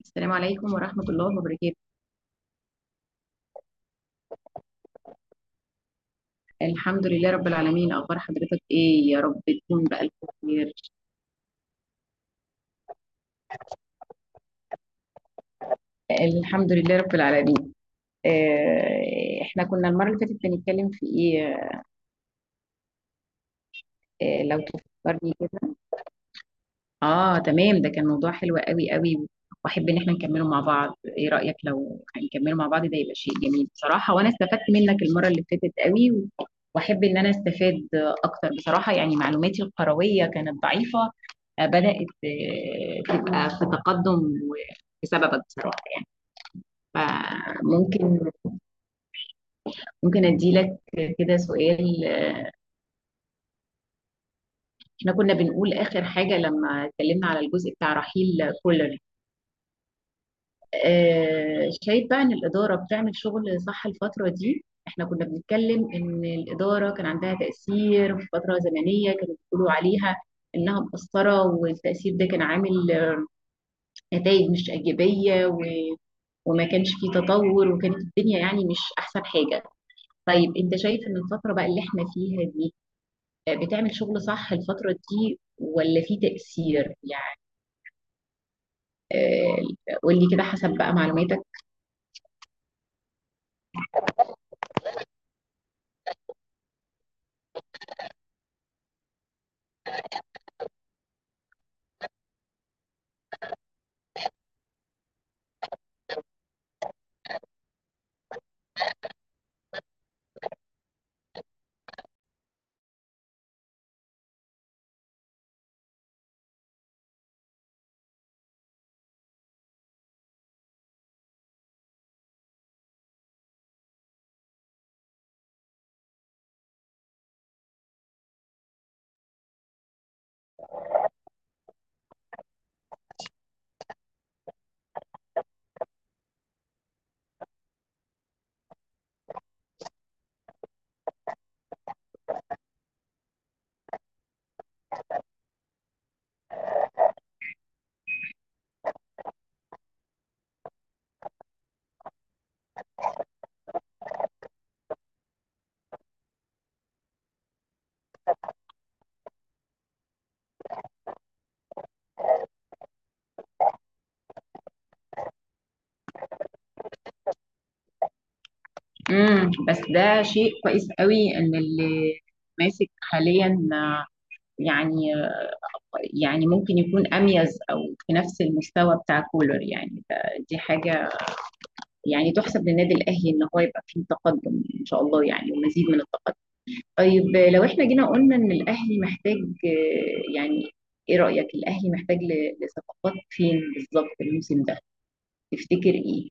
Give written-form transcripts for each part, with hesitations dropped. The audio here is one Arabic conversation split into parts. السلام عليكم ورحمة الله وبركاته. الحمد لله رب العالمين، أخبار حضرتك إيه؟ يا رب تكون بألف خير. الحمد لله رب العالمين. إحنا كنا المرة اللي فاتت بنتكلم في إيه؟ لو تفكرني كده. اه تمام، ده كان موضوع حلو قوي قوي، واحب ان احنا نكمله مع بعض. ايه رأيك لو هنكمله مع بعض؟ ده يبقى شيء جميل بصراحة، وانا استفدت منك المرة اللي فاتت قوي واحب ان انا استفاد اكتر بصراحة. يعني معلوماتي القروية كانت ضعيفة، بدأت تبقى في تقدم و- بسببك بصراحة. فممكن ممكن اديلك كده سؤال؟ احنا كنا بنقول اخر حاجة لما اتكلمنا على الجزء بتاع رحيل كولر. شايف بقى ان الاداره بتعمل شغل صح الفتره دي؟ احنا كنا بنتكلم ان الاداره كان عندها تاثير في فتره زمنيه كانوا بيقولوا عليها انها مقصره، والتاثير ده كان عامل نتائج مش ايجابيه. وما كانش فيه تطور، وكانت الدنيا يعني مش احسن حاجه. طيب انت شايف ان الفتره بقى اللي احنا فيها دي بتعمل شغل صح الفتره دي، ولا في تاثير يعني؟ قول لي كده حسب بقى معلوماتك. بس ده شيء كويس قوي، ان اللي ماسك حاليا يعني يعني ممكن يكون اميز او في نفس المستوى بتاع كولر. يعني دي حاجه يعني تحسب للنادي الاهلي ان هو يبقى فيه تقدم ان شاء الله، يعني ومزيد من التقدم. طيب لو احنا جينا قلنا ان الاهلي محتاج يعني ايه رايك؟ الاهلي محتاج لصفقات فين بالظبط الموسم ده؟ تفتكر ايه؟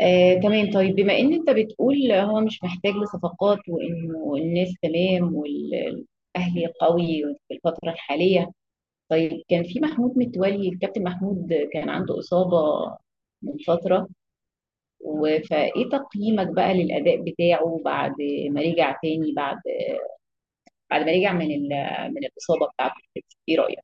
تمام. طيب بما ان انت بتقول هو مش محتاج لصفقات، وانه الناس تمام والاهلي قوي في الفتره الحاليه، طيب كان في محمود متولي، الكابتن محمود كان عنده اصابه من فتره فايه تقييمك بقى للاداء بتاعه بعد ما رجع تاني، بعد ما رجع من من الاصابه بتاعته؟ ايه رايك؟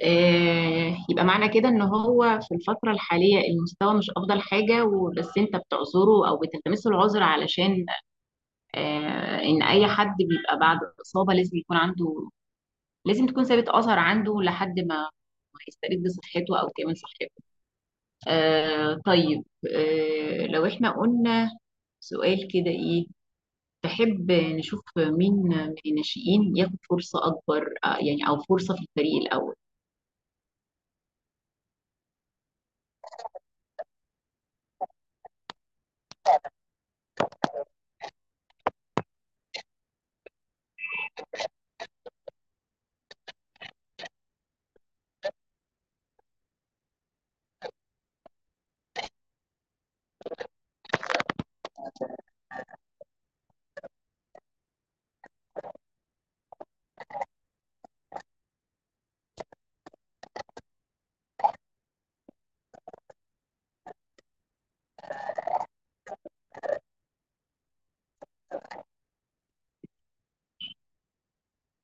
يبقى معنى كده ان هو في الفترة الحالية المستوى مش افضل حاجة، وبس انت بتعذره او بتلتمس له العذر، علشان ان اي حد بيبقى بعد اصابة لازم يكون عنده، لازم تكون سابت اثر عنده لحد ما يسترد صحته او كامل صحته. طيب. لو احنا قلنا سؤال كده، ايه تحب نشوف مين من الناشئين ياخد فرصة اكبر؟ يعني او فرصة في الفريق الاول.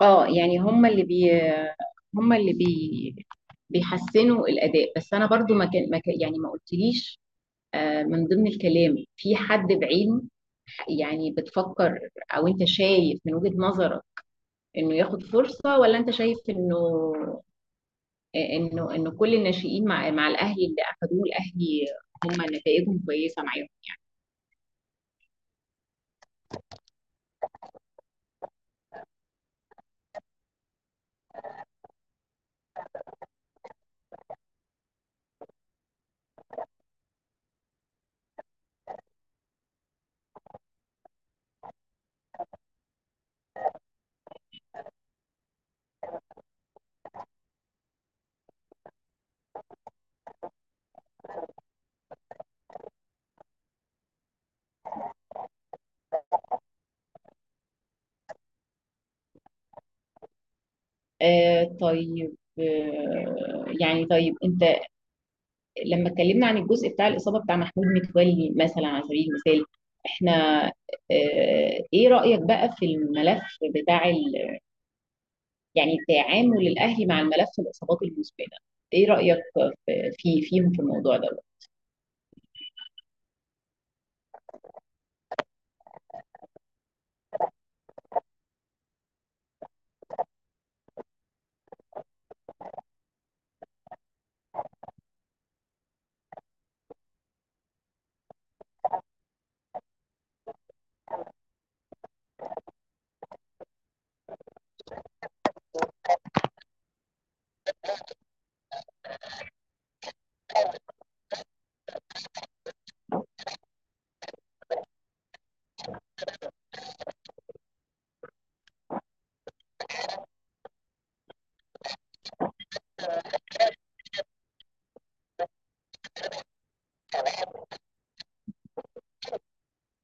اه يعني هم اللي بي بيحسنوا الاداء. بس انا برضو ما كان ما كان- يعني ما قلتليش من ضمن الكلام في حد بعينه، يعني بتفكر او انت شايف من وجهة نظرك انه ياخد فرصة؟ ولا انت شايف انه انه كل الناشئين مع الاهلي، اللي اخدوه الاهلي هم نتائجهم كويسة معاهم. طيب. يعني طيب انت، لما اتكلمنا عن الجزء بتاع الإصابة بتاع محمود متولي مثلا على سبيل المثال، احنا آه، ايه رأيك بقى في الملف بتاع يعني تعامل الأهلي مع الملف الإصابات المزمنة؟ ايه رأيك في فيهم في الموضوع ده؟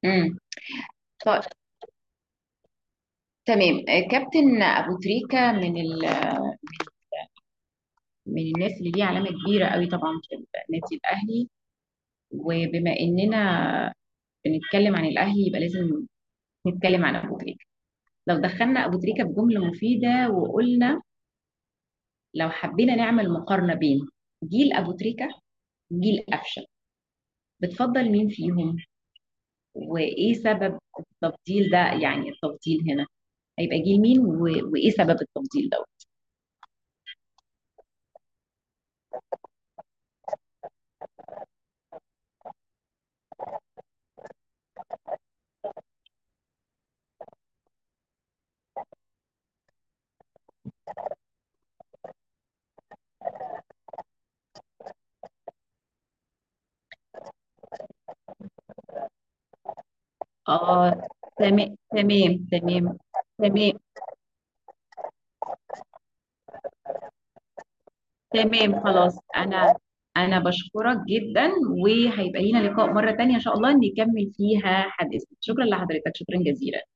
امم طيب تمام. كابتن ابو تريكه من من الناس اللي ليه علامه كبيره قوي طبعا في النادي الاهلي. وبما اننا بنتكلم عن الاهلي، يبقى لازم نتكلم عن ابو تريكه. لو دخلنا ابو تريكه بجمله مفيده وقلنا، لو حبينا نعمل مقارنه بين جيل ابو تريكه وجيل قفشه، بتفضل مين فيهم؟ وايه سبب التفضيل ده؟ يعني التفضيل هنا هيبقى جيل مين؟ وايه سبب التفضيل ده؟ اه تمام تمام تمام. تمام تمام خلاص، انا بشكرك جدا، وهيبقى لينا لقاء مرة تانية ان شاء الله نكمل فيها حديثنا. شكرا لحضرتك، شكرا جزيلا.